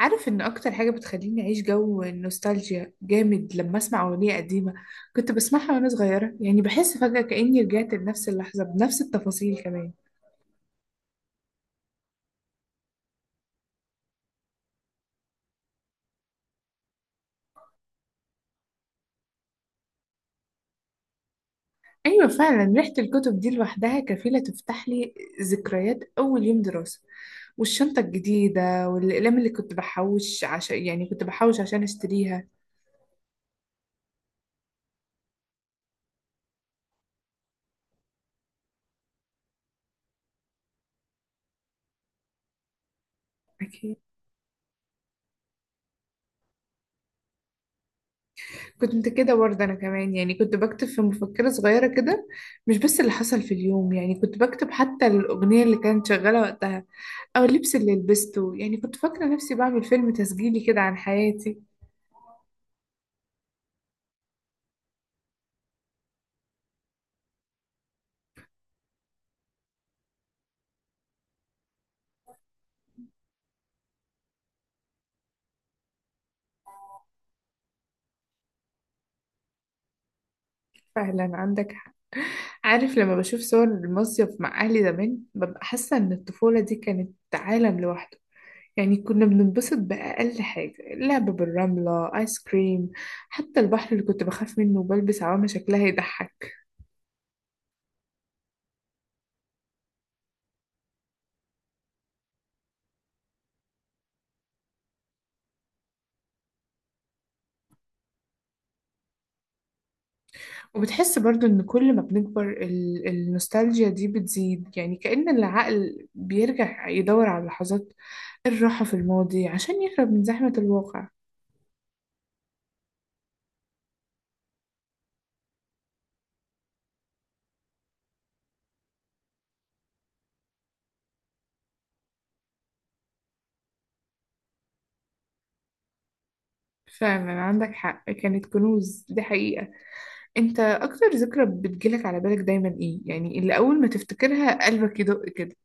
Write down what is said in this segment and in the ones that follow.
عارف ان اكتر حاجة بتخليني اعيش جو النوستالجيا جامد لما اسمع اغنية قديمة كنت بسمعها وانا صغيرة، يعني بحس فجأة كأني رجعت لنفس اللحظة بنفس التفاصيل كمان. ايوه فعلا، ريحة الكتب دي لوحدها كفيلة تفتح لي ذكريات اول يوم دراسة، والشنطة الجديدة والأقلام اللي كنت بحوش عشان اشتريها. أكيد. كنت كده برضه أنا كمان، يعني كنت بكتب في مفكرة صغيرة كده، مش بس اللي حصل في اليوم، يعني كنت بكتب حتى الأغنية اللي كانت شغالة وقتها أو اللبس اللي لبسته. يعني كنت فاكرة نفسي بعمل فيلم تسجيلي كده عن حياتي. فعلا عندك حق. عارف لما بشوف صور المصيف مع أهلي زمان ببقى حاسة إن الطفولة دي كانت عالم لوحده. يعني كنا بننبسط بأقل حاجة، لعب بالرملة، آيس كريم، حتى البحر اللي كنت بخاف منه وبلبس عوامة شكلها يضحك. وبتحس برضو إن كل ما بنكبر النوستالجيا دي بتزيد، يعني كأن العقل بيرجع يدور على لحظات الراحة في الماضي عشان يهرب من زحمة الواقع. فعلا عندك حق، كانت كنوز دي حقيقة. انت اكتر ذكرى بتجيلك على بالك دايما ايه، يعني اللي اول ما تفتكرها قلبك يدق كده؟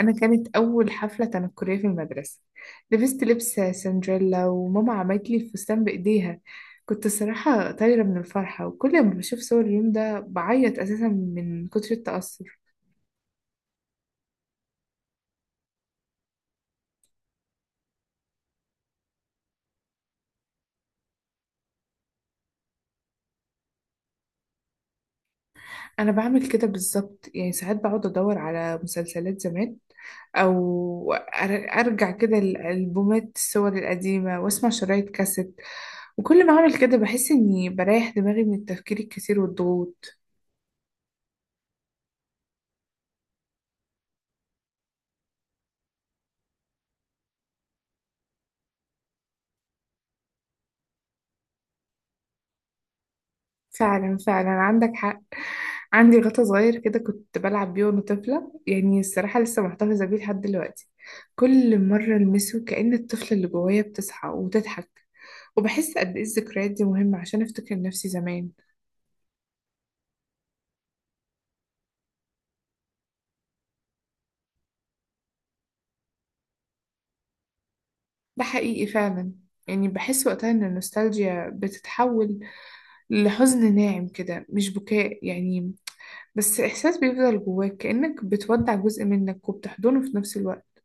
انا كانت اول حفلة تنكرية في المدرسة، لبست لبس سندريلا وماما عملت لي الفستان بايديها. كنت الصراحة طايرة من الفرحة، وكل ما بشوف صور اليوم ده بعيط اساسا من كتر التأثر. انا بعمل كده بالظبط، يعني ساعات بقعد ادور على مسلسلات زمان، او ارجع كده الالبومات الصور القديمه واسمع شرايط كاسيت، وكل ما اعمل كده بحس اني بريح دماغي من التفكير الكتير والضغوط. فعلا فعلا عندك حق. عندي غطا صغير كده كنت بلعب بيه وانا طفله، يعني الصراحه لسه محتفظه بيه لحد دلوقتي. كل مره المسه كأن الطفله اللي جوايا بتصحى وتضحك، وبحس قد ايه الذكريات دي مهمه عشان افتكر نفسي زمان. ده حقيقي فعلا. يعني بحس وقتها إن النوستالجيا بتتحول لحزن ناعم كده، مش بكاء يعني، بس إحساس بيفضل جواك كأنك بتودع جزء منك وبتحضنه في نفس الوقت.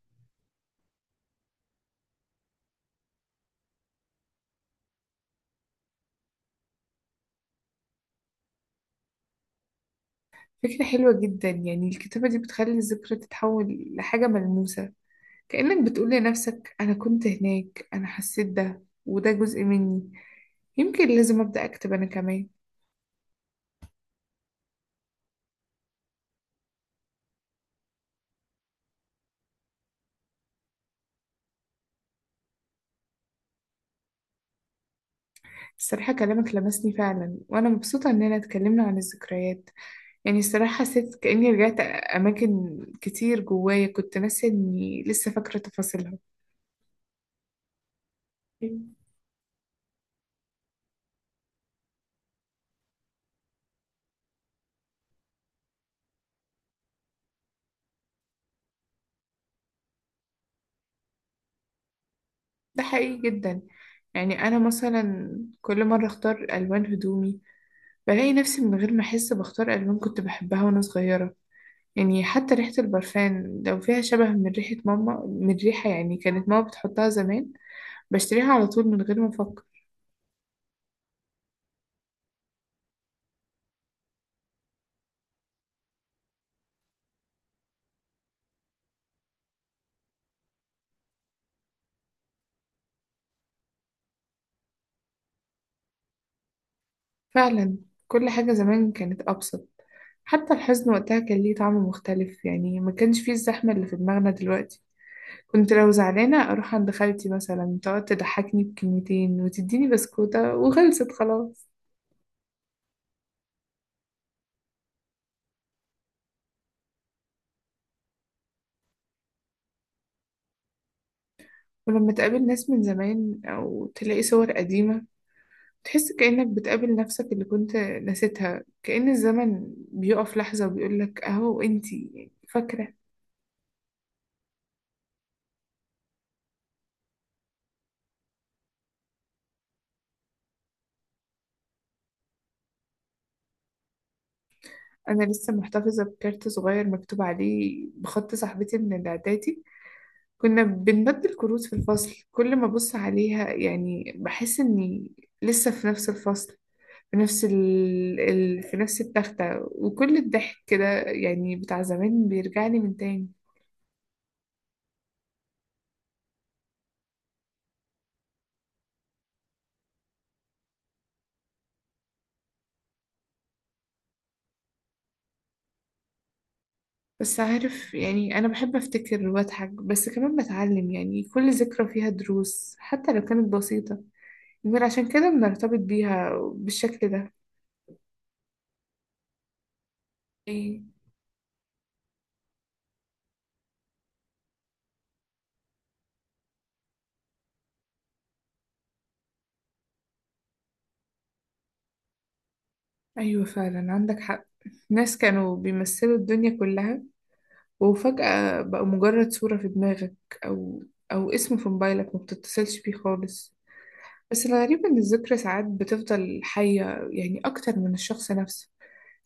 فكرة حلوة جدا، يعني الكتابة دي بتخلي الذكرى تتحول لحاجة ملموسة، كأنك بتقول لنفسك أنا كنت هناك، أنا حسيت ده، وده جزء مني. يمكن لازم أبدأ أكتب أنا كمان. الصراحة كلامك لمسني فعلا، وأنا مبسوطة إننا اتكلمنا عن الذكريات. يعني الصراحة حسيت كأني رجعت أماكن كتير جوايا كنت ناسية إني لسه فاكرة تفاصيلها. ده حقيقي جدا. يعني أنا مثلا كل مرة أختار ألوان هدومي بلاقي نفسي من غير ما أحس بختار ألوان كنت بحبها وأنا صغيرة. يعني حتى ريحة البرفان لو فيها شبه من ريحة ماما، من ريحة يعني كانت ماما بتحطها زمان، بشتريها على طول من غير ما أفكر. فعلا. كل حاجة زمان كانت أبسط، حتى الحزن وقتها كان ليه طعم مختلف، يعني ما كانش فيه الزحمة اللي في دماغنا دلوقتي. كنت لو زعلانة أروح عند خالتي مثلا، تقعد تضحكني بكلمتين وتديني بسكوتة وخلصت خلاص. ولما تقابل ناس من زمان أو تلاقي صور قديمة، تحس كأنك بتقابل نفسك اللي كنت نسيتها، كأن الزمن بيقف لحظة وبيقولك أهو أنتي فاكرة. أنا لسه محتفظة بكارت صغير مكتوب عليه بخط صاحبتي من الإعدادي، كنا بنبدل كروت في الفصل. كل ما أبص عليها يعني بحس إني لسه في نفس الفصل، في نفس في نفس التختة، وكل الضحك كده يعني بتاع زمان بيرجعني من تاني. بس عارف يعني أنا بحب أفتكر وأضحك بس كمان بتعلم، يعني كل ذكرى فيها دروس حتى لو كانت بسيطة، يمكن عشان كده بنرتبط بيها بالشكل ده. إيه؟ أيوة فعلا عندك حق. ناس كانوا بيمثلوا الدنيا كلها، وفجأة بقى مجرد صورة في دماغك، أو أو اسم في موبايلك ما بتتصلش بيه خالص. بس الغريب إن الذكرى ساعات بتفضل حية، يعني أكتر من الشخص نفسه،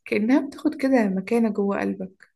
كأنها بتاخد كده مكانة جوه قلبك.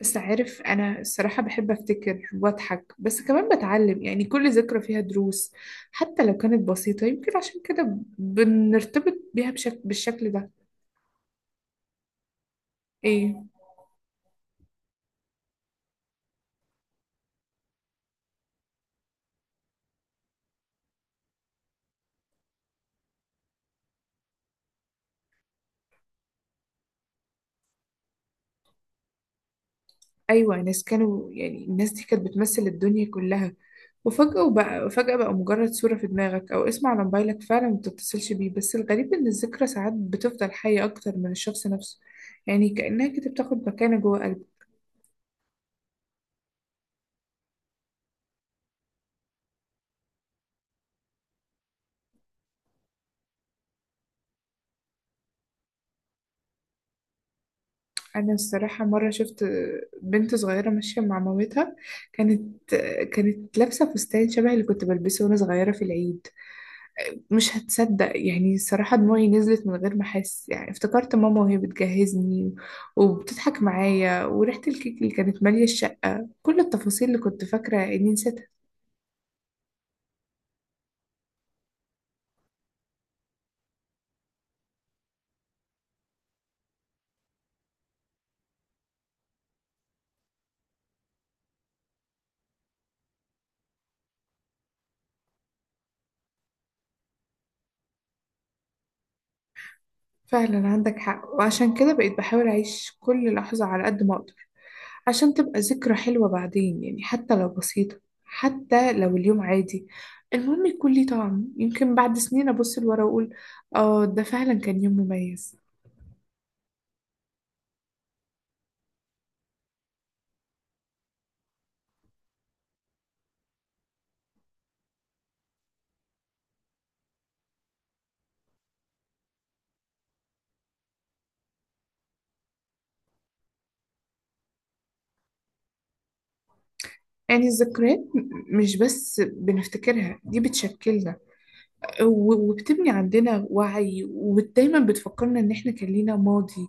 بس عارف أنا الصراحة بحب أفتكر وأضحك بس كمان بتعلم، يعني كل ذكرى فيها دروس حتى لو كانت بسيطة، يمكن عشان كده بنرتبط بيها بالشكل ده. إيه؟ أيوة ناس كانوا، يعني الناس دي كانت بتمثل الدنيا كلها، وفجأة وبقى فجأة بقى مجرد صورة في دماغك أو اسم على موبايلك، فعلا ما بتتصلش بيه. بس الغريب إن الذكرى ساعات بتفضل حية أكتر من الشخص نفسه، يعني كأنها كده بتاخد مكانة جوه قلبك. أنا الصراحة مرة شفت بنت صغيرة ماشية مع مامتها، كانت كانت لابسة فستان شبه اللي كنت بلبسه وأنا صغيرة في العيد. مش هتصدق يعني، الصراحة دموعي نزلت من غير ما أحس، يعني افتكرت ماما وهي بتجهزني وبتضحك معايا، وريحة الكيك اللي كانت مالية الشقة، كل التفاصيل اللي كنت فاكرة إني نسيتها. فعلا عندك حق، وعشان كده بقيت بحاول أعيش كل لحظة على قد ما أقدر، عشان تبقى ذكرى حلوة بعدين، يعني حتى لو بسيطة، حتى لو اليوم عادي، المهم يكون ليه طعم. يمكن بعد سنين أبص لورا وأقول آه ده فعلا كان يوم مميز. يعني الذكريات مش بس بنفتكرها، دي بتشكلنا وبتبني عندنا وعي، ودايما بتفكرنا إن إحنا كان لينا ماضي،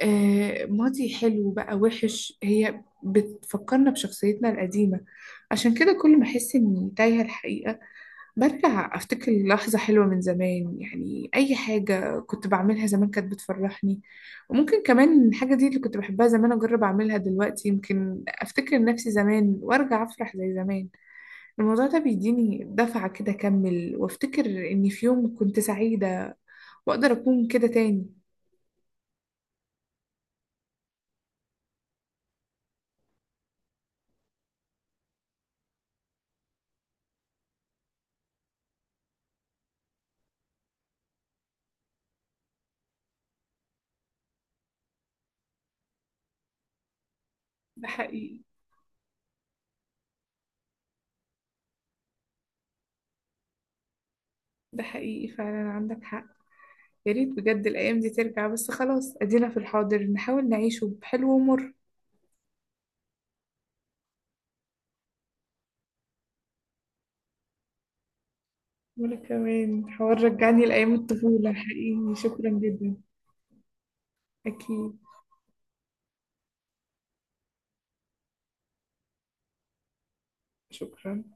آه، ماضي حلو بقى وحش، هي بتفكرنا بشخصيتنا القديمة. عشان كده كل ما أحس إني تايهة الحقيقة برجع أفتكر لحظة حلوة من زمان، يعني أي حاجة كنت بعملها زمان كانت بتفرحني، وممكن كمان الحاجة دي اللي كنت بحبها زمان أجرب أعملها دلوقتي، يمكن أفتكر نفسي زمان وأرجع أفرح زي زمان. الموضوع ده بيديني دفعة كده أكمل وأفتكر إني في يوم كنت سعيدة، وأقدر أكون كده تاني. ده حقيقي. ده حقيقي فعلا عندك حق. يا ريت بجد الأيام دي ترجع، بس خلاص أدينا في الحاضر نحاول نعيشه بحلو ومر. وأنا كمان حوار رجعني لأيام الطفولة حقيقي، شكرا جدا. أكيد. شكرا.